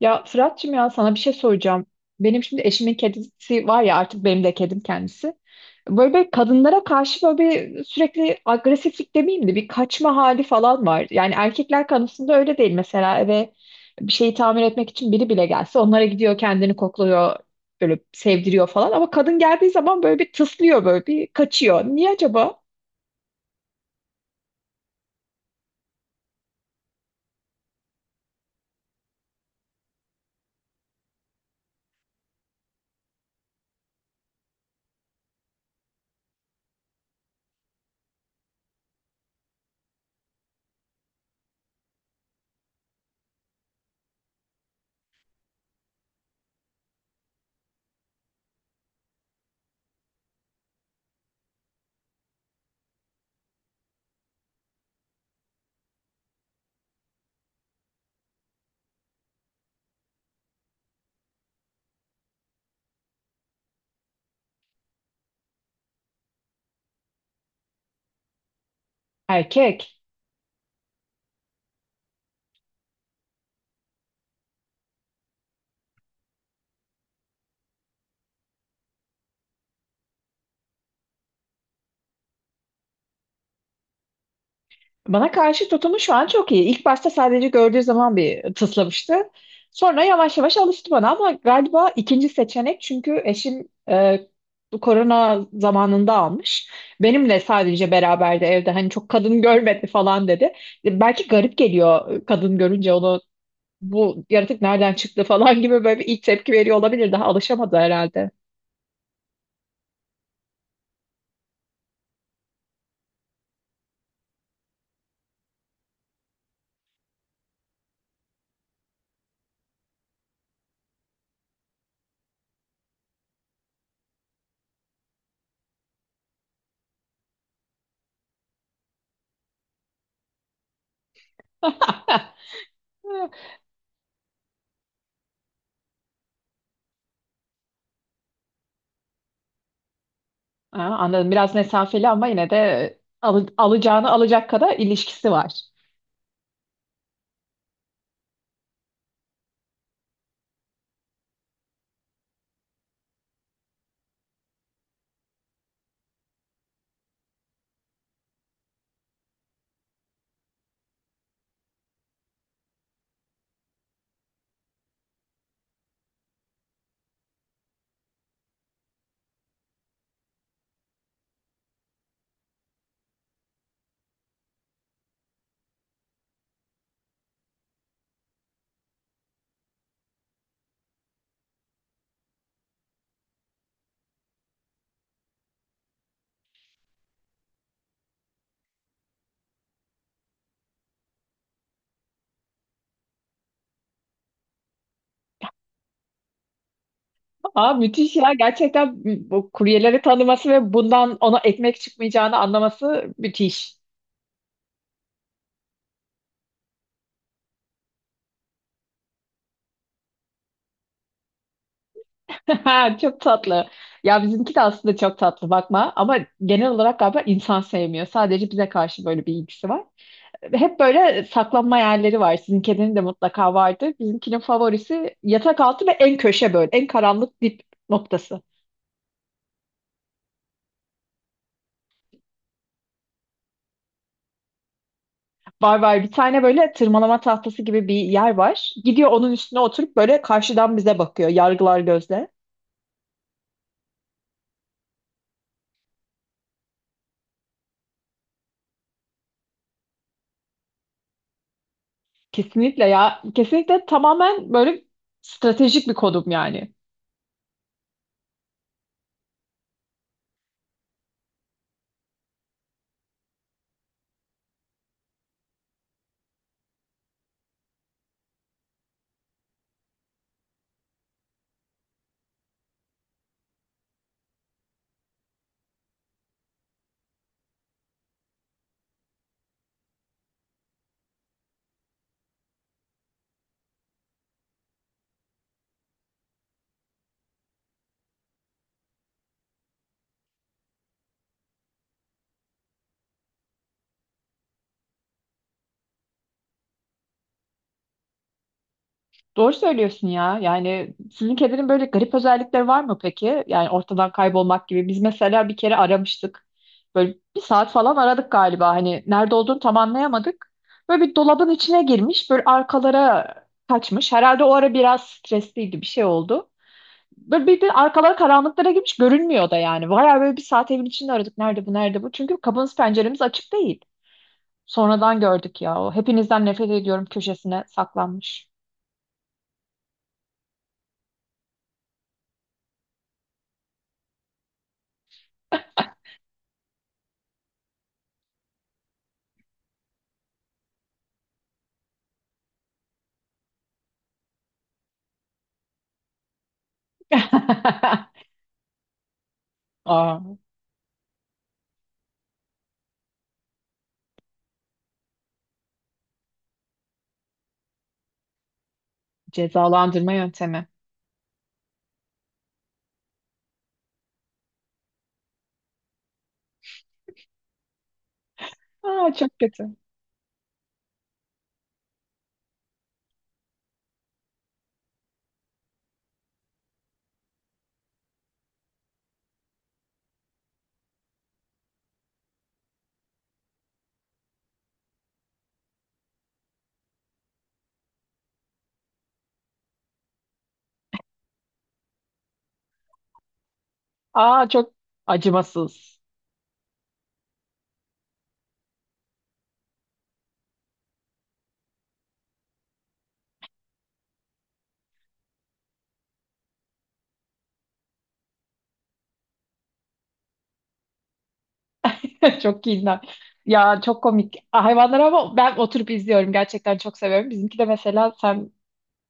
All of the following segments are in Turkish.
Ya Fırat'cığım ya sana bir şey soracağım. Benim şimdi eşimin kedisi var ya, artık benim de kedim kendisi. Böyle bir kadınlara karşı böyle bir sürekli agresiflik demeyeyim de bir kaçma hali falan var. Yani erkekler konusunda öyle değil. Mesela eve bir şeyi tamir etmek için biri bile gelse onlara gidiyor, kendini kokluyor, böyle sevdiriyor falan. Ama kadın geldiği zaman böyle bir tıslıyor, böyle bir kaçıyor. Niye acaba? Erkek. Bana karşı tutumu şu an çok iyi. İlk başta sadece gördüğü zaman bir tıslamıştı. Sonra yavaş yavaş alıştı bana ama galiba ikinci seçenek, çünkü eşim bu korona zamanında almış. Benimle sadece beraberdi evde, hani çok kadın görmedi falan dedi. Belki garip geliyor, kadın görünce onu bu yaratık nereden çıktı falan gibi böyle bir ilk tepki veriyor olabilir. Daha alışamadı herhalde. Aa, anladım. Biraz mesafeli ama yine de alacağını alacak kadar ilişkisi var. Aa, müthiş ya. Gerçekten bu kuryeleri tanıması ve bundan ona ekmek çıkmayacağını anlaması müthiş. Çok tatlı. Ya bizimki de aslında çok tatlı, bakma ama genel olarak galiba insan sevmiyor. Sadece bize karşı böyle bir ilgisi var. Hep böyle saklanma yerleri var. Sizin kedinin de mutlaka vardır. Bizimkinin favorisi yatak altı ve en köşe böyle. En karanlık dip noktası. Var var, bir tane böyle tırmalama tahtası gibi bir yer var. Gidiyor onun üstüne oturup böyle karşıdan bize bakıyor. Yargılar gözle. Kesinlikle ya. Kesinlikle tamamen böyle stratejik bir kodum yani. Doğru söylüyorsun ya. Yani sizin kedinin böyle garip özellikleri var mı peki? Yani ortadan kaybolmak gibi. Biz mesela bir kere aramıştık. Böyle bir saat falan aradık galiba. Hani nerede olduğunu tam anlayamadık. Böyle bir dolabın içine girmiş. Böyle arkalara kaçmış. Herhalde o ara biraz stresliydi. Bir şey oldu. Böyle bir de arkaları karanlıklara girmiş, görünmüyor da yani. Bayağı böyle bir saat evin içinde aradık. Nerede bu, nerede bu? Çünkü kapımız penceremiz açık değil. Sonradan gördük ya. O hepinizden nefret ediyorum köşesine saklanmış. Aa, cezalandırma yöntemi. Aa, çok kötü. Aa, çok acımasız. Çok kinler. Ya çok komik. Hayvanlar ama ben oturup izliyorum. Gerçekten çok seviyorum. Bizimki de mesela sen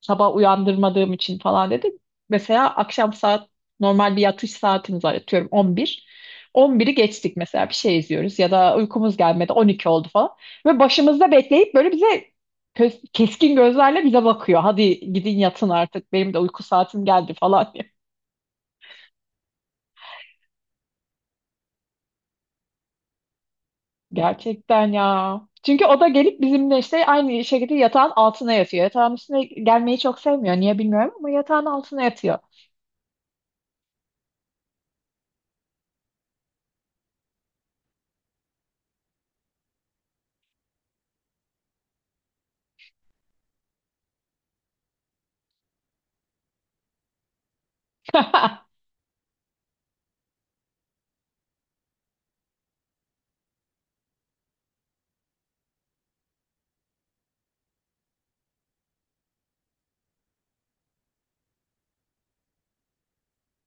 sabah uyandırmadığım için falan dedi. Mesela akşam saat normal bir yatış saatimiz var, atıyorum 11. 11'i geçtik mesela, bir şey izliyoruz ya da uykumuz gelmedi, 12 oldu falan. Ve başımızda bekleyip böyle bize keskin gözlerle bize bakıyor. Hadi gidin yatın artık, benim de uyku saatim geldi falan diye. Gerçekten ya. Çünkü o da gelip bizimle işte aynı şekilde yatağın altına yatıyor. Yatağın üstüne gelmeyi çok sevmiyor. Niye bilmiyorum ama yatağın altına yatıyor.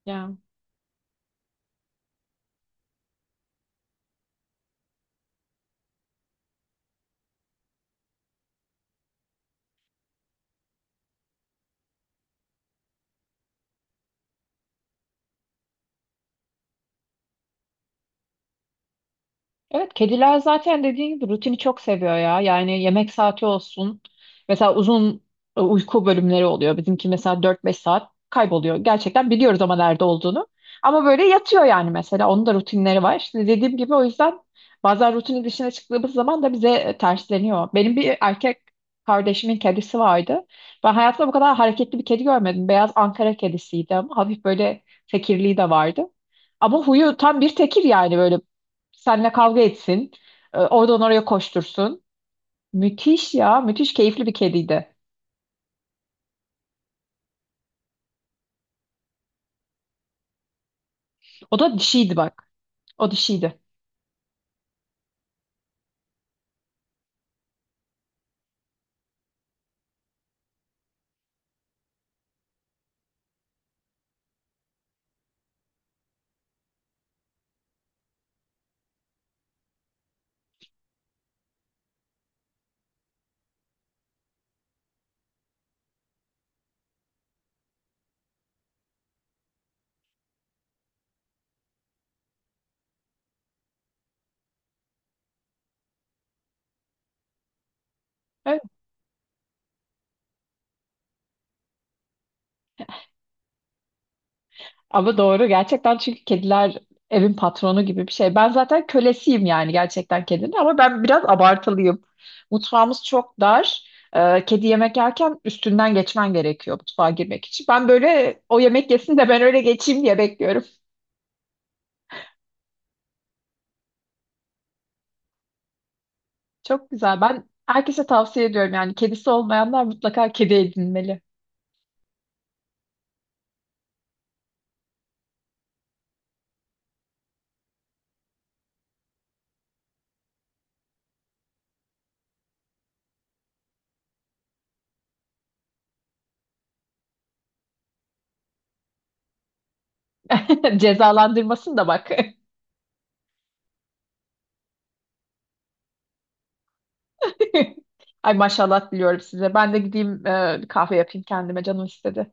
Ya. Evet, kediler zaten dediğin gibi rutini çok seviyor ya. Yani yemek saati olsun. Mesela uzun uyku bölümleri oluyor. Bizimki mesela dört beş saat kayboluyor. Gerçekten biliyoruz ama nerede olduğunu. Ama böyle yatıyor yani mesela. Onun da rutinleri var. İşte dediğim gibi, o yüzden bazen rutinin dışına çıktığımız zaman da bize tersleniyor. Benim bir erkek kardeşimin kedisi vardı. Ben hayatımda bu kadar hareketli bir kedi görmedim. Beyaz Ankara kedisiydi ama hafif böyle tekirliği de vardı. Ama huyu tam bir tekir, yani böyle seninle kavga etsin, oradan oraya koştursun. Müthiş ya. Müthiş keyifli bir kediydi. O da dişiydi bak. O dişiydi. Evet. Ama doğru gerçekten, çünkü kediler evin patronu gibi bir şey. Ben zaten kölesiyim yani gerçekten kedinin, ama ben biraz abartılıyım. Mutfağımız çok dar. Kedi yemek yerken üstünden geçmen gerekiyor mutfağa girmek için. Ben böyle o yemek yesin de ben öyle geçeyim diye bekliyorum. Çok güzel. Ben herkese tavsiye ediyorum, yani kedisi olmayanlar mutlaka kedi edinmeli. Cezalandırmasın da bak. Ay maşallah diliyorum size. Ben de gideyim kahve yapayım, kendime canım istedi.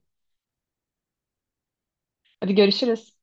Hadi görüşürüz.